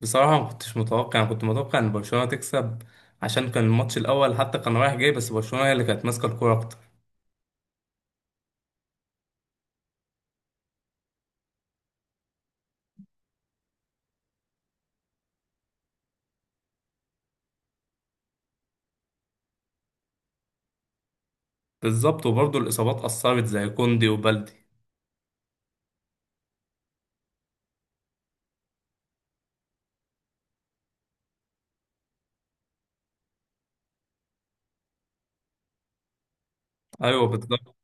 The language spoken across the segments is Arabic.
بصراحة، ما كنتش متوقع. أنا كنت متوقع إن برشلونة تكسب، عشان كان الماتش الأول حتى كان رايح جاي، بس برشلونة هي اللي كانت ماسكة الكورة أكتر. بالظبط، وبرضه الإصابات أثرت زي كوندي وبالدي. أيوه بالظبط.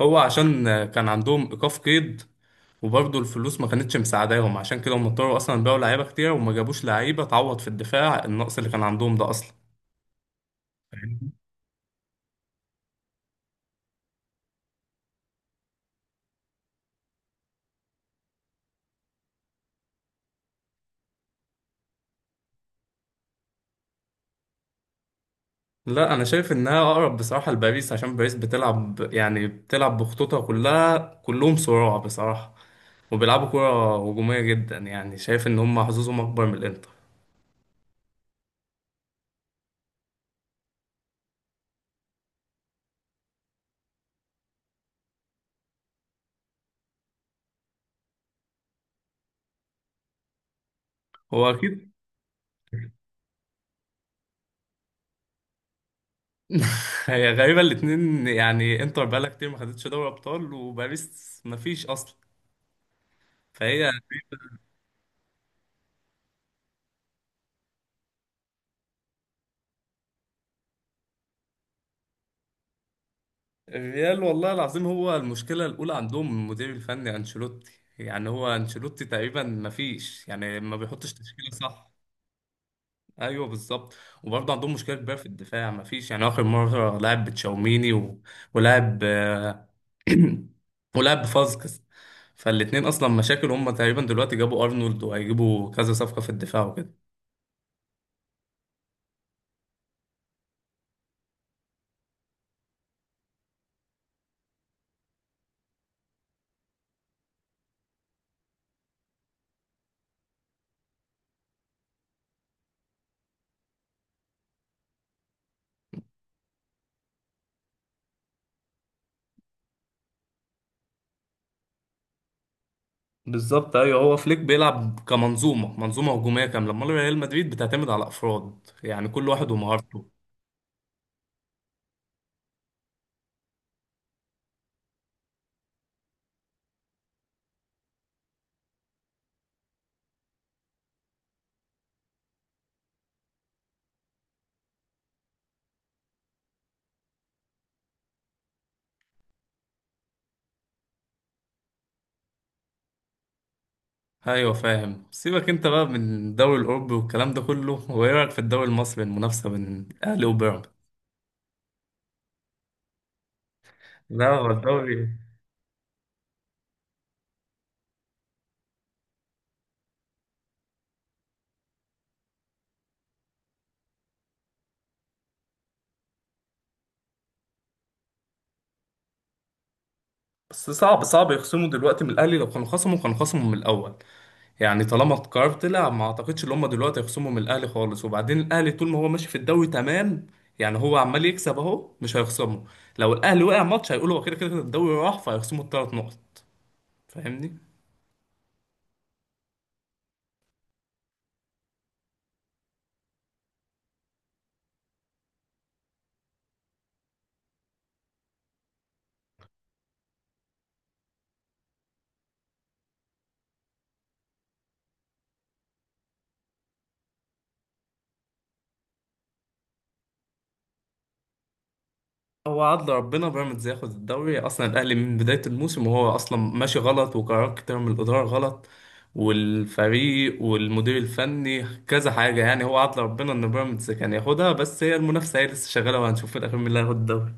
هو عشان كان عندهم إيقاف قيد، وبرضه الفلوس ما كانتش مساعداهم، عشان كده هم اضطروا أصلا يبيعوا لعيبة كتير وما جابوش لعيبة تعوض في الدفاع النقص اللي كان عندهم ده أصلا. لا، انا شايف انها اقرب بصراحه لباريس، عشان باريس بتلعب، يعني بتلعب بخطوطها كلها، كلهم صراع بصراحه، وبيلعبوا كرة هجومية جدا، يعني شايف ان هم حظوظهم اكبر من الانتر. هو اكيد. هي غريبة الاتنين، يعني انتر بقالها كتير ما خدتش دوري ابطال، وباريس ما فيش اصلا، فهي. الريال، والله العظيم، هو المشكلة الاولى عندهم المدير الفني انشيلوتي. يعني هو انشيلوتي تقريبا ما فيش، يعني ما بيحطش تشكيلة صح. ايوه بالظبط. وبرضه عندهم مشكله كبيره في الدفاع، مفيش يعني اخر مره لعب بتشاوميني و ولعب ولعب بفازكس. فالاتنين اصلا مشاكل، هم تقريبا دلوقتي جابوا ارنولد وهيجيبوا كذا صفقه في الدفاع وكده. بالظبط ايوه، هو فليك بيلعب كمنظومه، منظومه هجوميه كامله. امال ريال مدريد بتعتمد على افراد، يعني كل واحد ومهارته. ايوه فاهم. سيبك انت بقى من الدوري الاوروبي والكلام ده كله، وايه رايك في الدوري المصري، المنافسه بين الاهلي وبيراميدز؟ لا، هو الدوري. بس صعب صعب يخصموا دلوقتي من الاهلي، لو كانوا خصموا كانوا خصموا من الاول. يعني طالما القرار طلع، ما اعتقدش ان هم دلوقتي هيخصموا من الاهلي خالص، وبعدين الاهلي طول ما هو ماشي في الدوري تمام، يعني هو عمال يكسب اهو، مش هيخصمه. لو الاهلي وقع ماتش، هيقولوا هو كده كده الدوري راح، فهيخصموا الثلاث نقط. فاهمني. هو عدل ربنا بيراميدز ياخد الدوري، اصلا الاهلي من بدايه الموسم وهو اصلا ماشي غلط، وقرارات كتير من الاداره غلط، والفريق والمدير الفني كذا حاجه. يعني هو عدل ربنا ان بيراميدز كان ياخدها، بس هي المنافسه هي لسه شغاله، وهنشوف في الاخير مين اللي هياخد الدوري.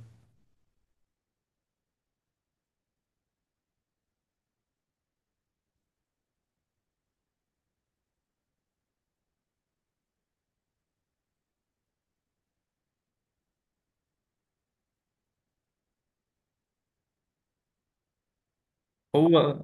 هو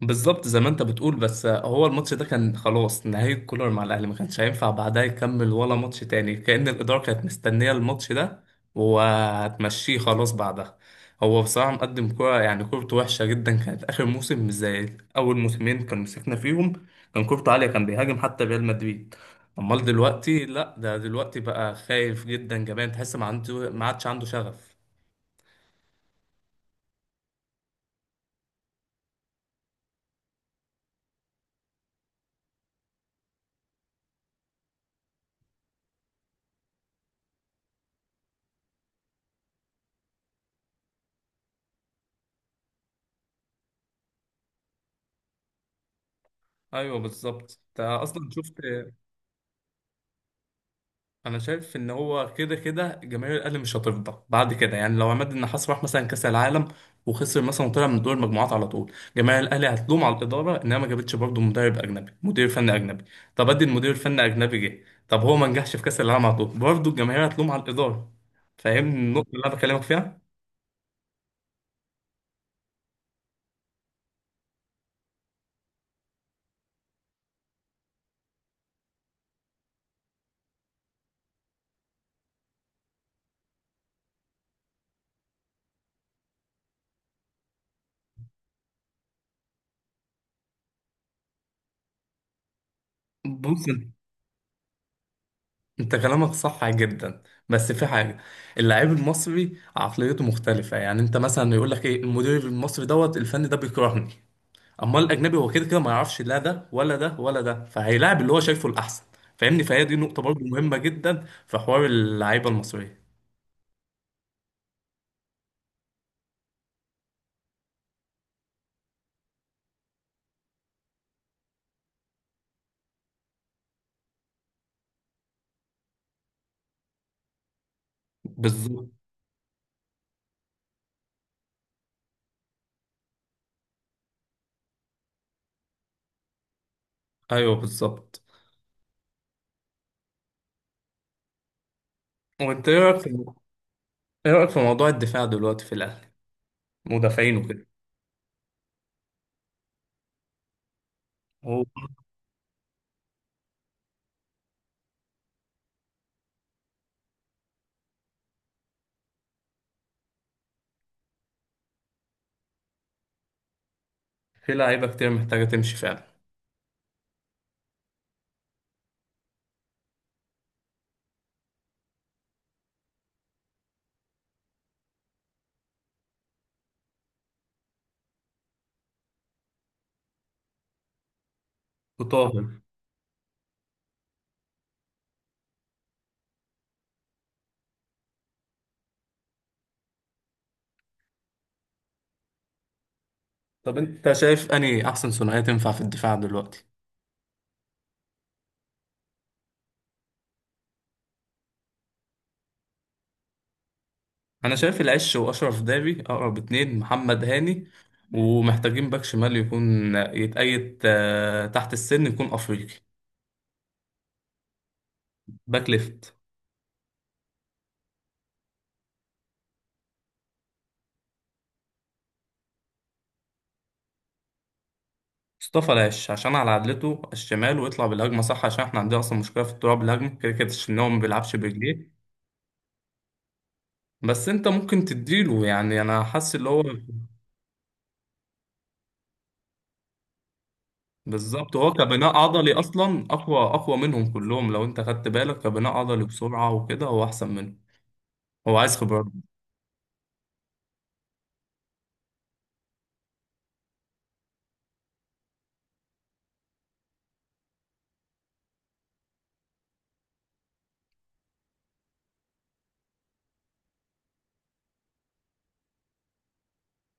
بالظبط زي ما انت بتقول، بس هو الماتش ده كان خلاص نهاية كولر مع الاهلي، ما كانش هينفع بعدها يكمل ولا ماتش تاني. كأن الإدارة كانت مستنية الماتش ده وهتمشيه خلاص بعدها. هو بصراحة مقدم كورة، يعني كورته وحشة جدا كانت آخر موسم، مش زي أول موسمين كان مسكنا فيهم. كان كورته عالية، كان بيهاجم حتى ريال مدريد. أمال دلوقتي لأ، ده دلوقتي بقى خايف جدا، جبان، تحس ما عنده، ما عادش عنده شغف. أيوه بالظبط. أنت أصلا شفت، انا شايف ان هو كده كده جماهير الاهلي مش هترضى بعد كده. يعني لو عماد النحاس راح مثلا كاس العالم، وخسر مثلا وطلع من دور المجموعات على طول، جماهير الاهلي هتلوم على الاداره انها ما جابتش برضه مدرب اجنبي، مدير فني اجنبي. طب ادي المدير الفني اجنبي جه، طب هو ما نجحش في كاس العالم على طول، برضه الجماهير هتلوم على الاداره. فاهمني النقطه اللي انا بكلمك فيها؟ بص، انت كلامك صح جدا، بس في حاجه. اللاعب المصري عقليته مختلفه، يعني انت مثلا يقول لك ايه، المدير المصري دوت الفني ده بيكرهني. امال الاجنبي هو كده كده ما يعرفش لا ده ولا ده ولا ده، فهيلاعب اللي هو شايفه الاحسن. فاهمني؟ فهي دي نقطه برضه مهمه جدا في حوار اللعيبه المصريه. بالظبط ايوه. بالظبط، وانت ايه رايك في، ايه رايك في موضوع الدفاع دلوقتي في الاهلي، مدافعين وكده؟ هو في لعيبه كتير محتاجه تمشي فعلا، وطاهر. طب انت شايف انهي احسن ثنائيه تنفع في الدفاع دلوقتي؟ انا شايف العش واشرف داري اقرب اتنين، محمد هاني، ومحتاجين باك شمال يكون يتأيد، تحت السن، يكون افريقي. باك ليفت. مصطفى العش عشان على عدلته على الشمال ويطلع بالهجمه صح، عشان احنا عندنا اصلا مشكله في الطلوع بالهجمه كده كده، ان هو ما بيلعبش برجليه. بس انت ممكن تديله، يعني انا حاسس اللي هو. بالظبط. هو كبناء عضلي اصلا اقوى اقوى منهم كلهم، لو انت خدت بالك كبناء عضلي بسرعه وكده هو احسن منه. هو عايز خبرات.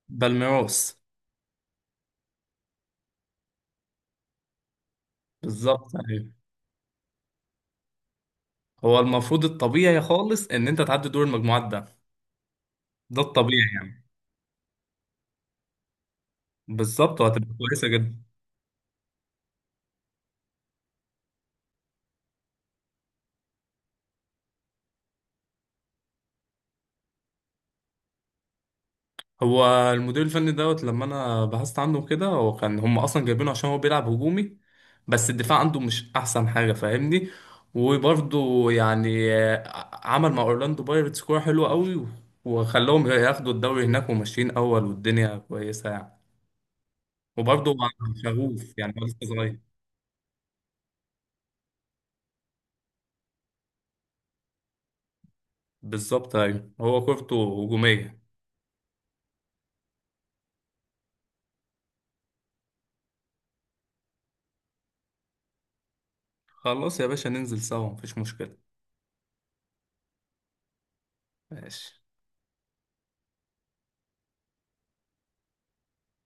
بالميروس. بالظبط ايوه. هو المفروض الطبيعي خالص ان انت تعدي دور المجموعات ده، ده الطبيعي يعني. بالظبط، وهتبقى كويسه جدا. هو المدير الفني دوت لما انا بحثت عنه كده، هو كان هم اصلا جايبينه عشان هو بيلعب هجومي، بس الدفاع عنده مش احسن حاجه، فاهمني. وبرضه يعني عمل مع اورلاندو بايرتس كوره حلوه قوي، وخلاهم ياخدوا الدوري هناك وماشيين اول، والدنيا كويسه يعني. وبرضه مع، شغوف، يعني هو لسه صغير. بالظبط ايوه هو كورته هجوميه. خلاص يا باشا ننزل سوا، مفيش مشكله. ماشي.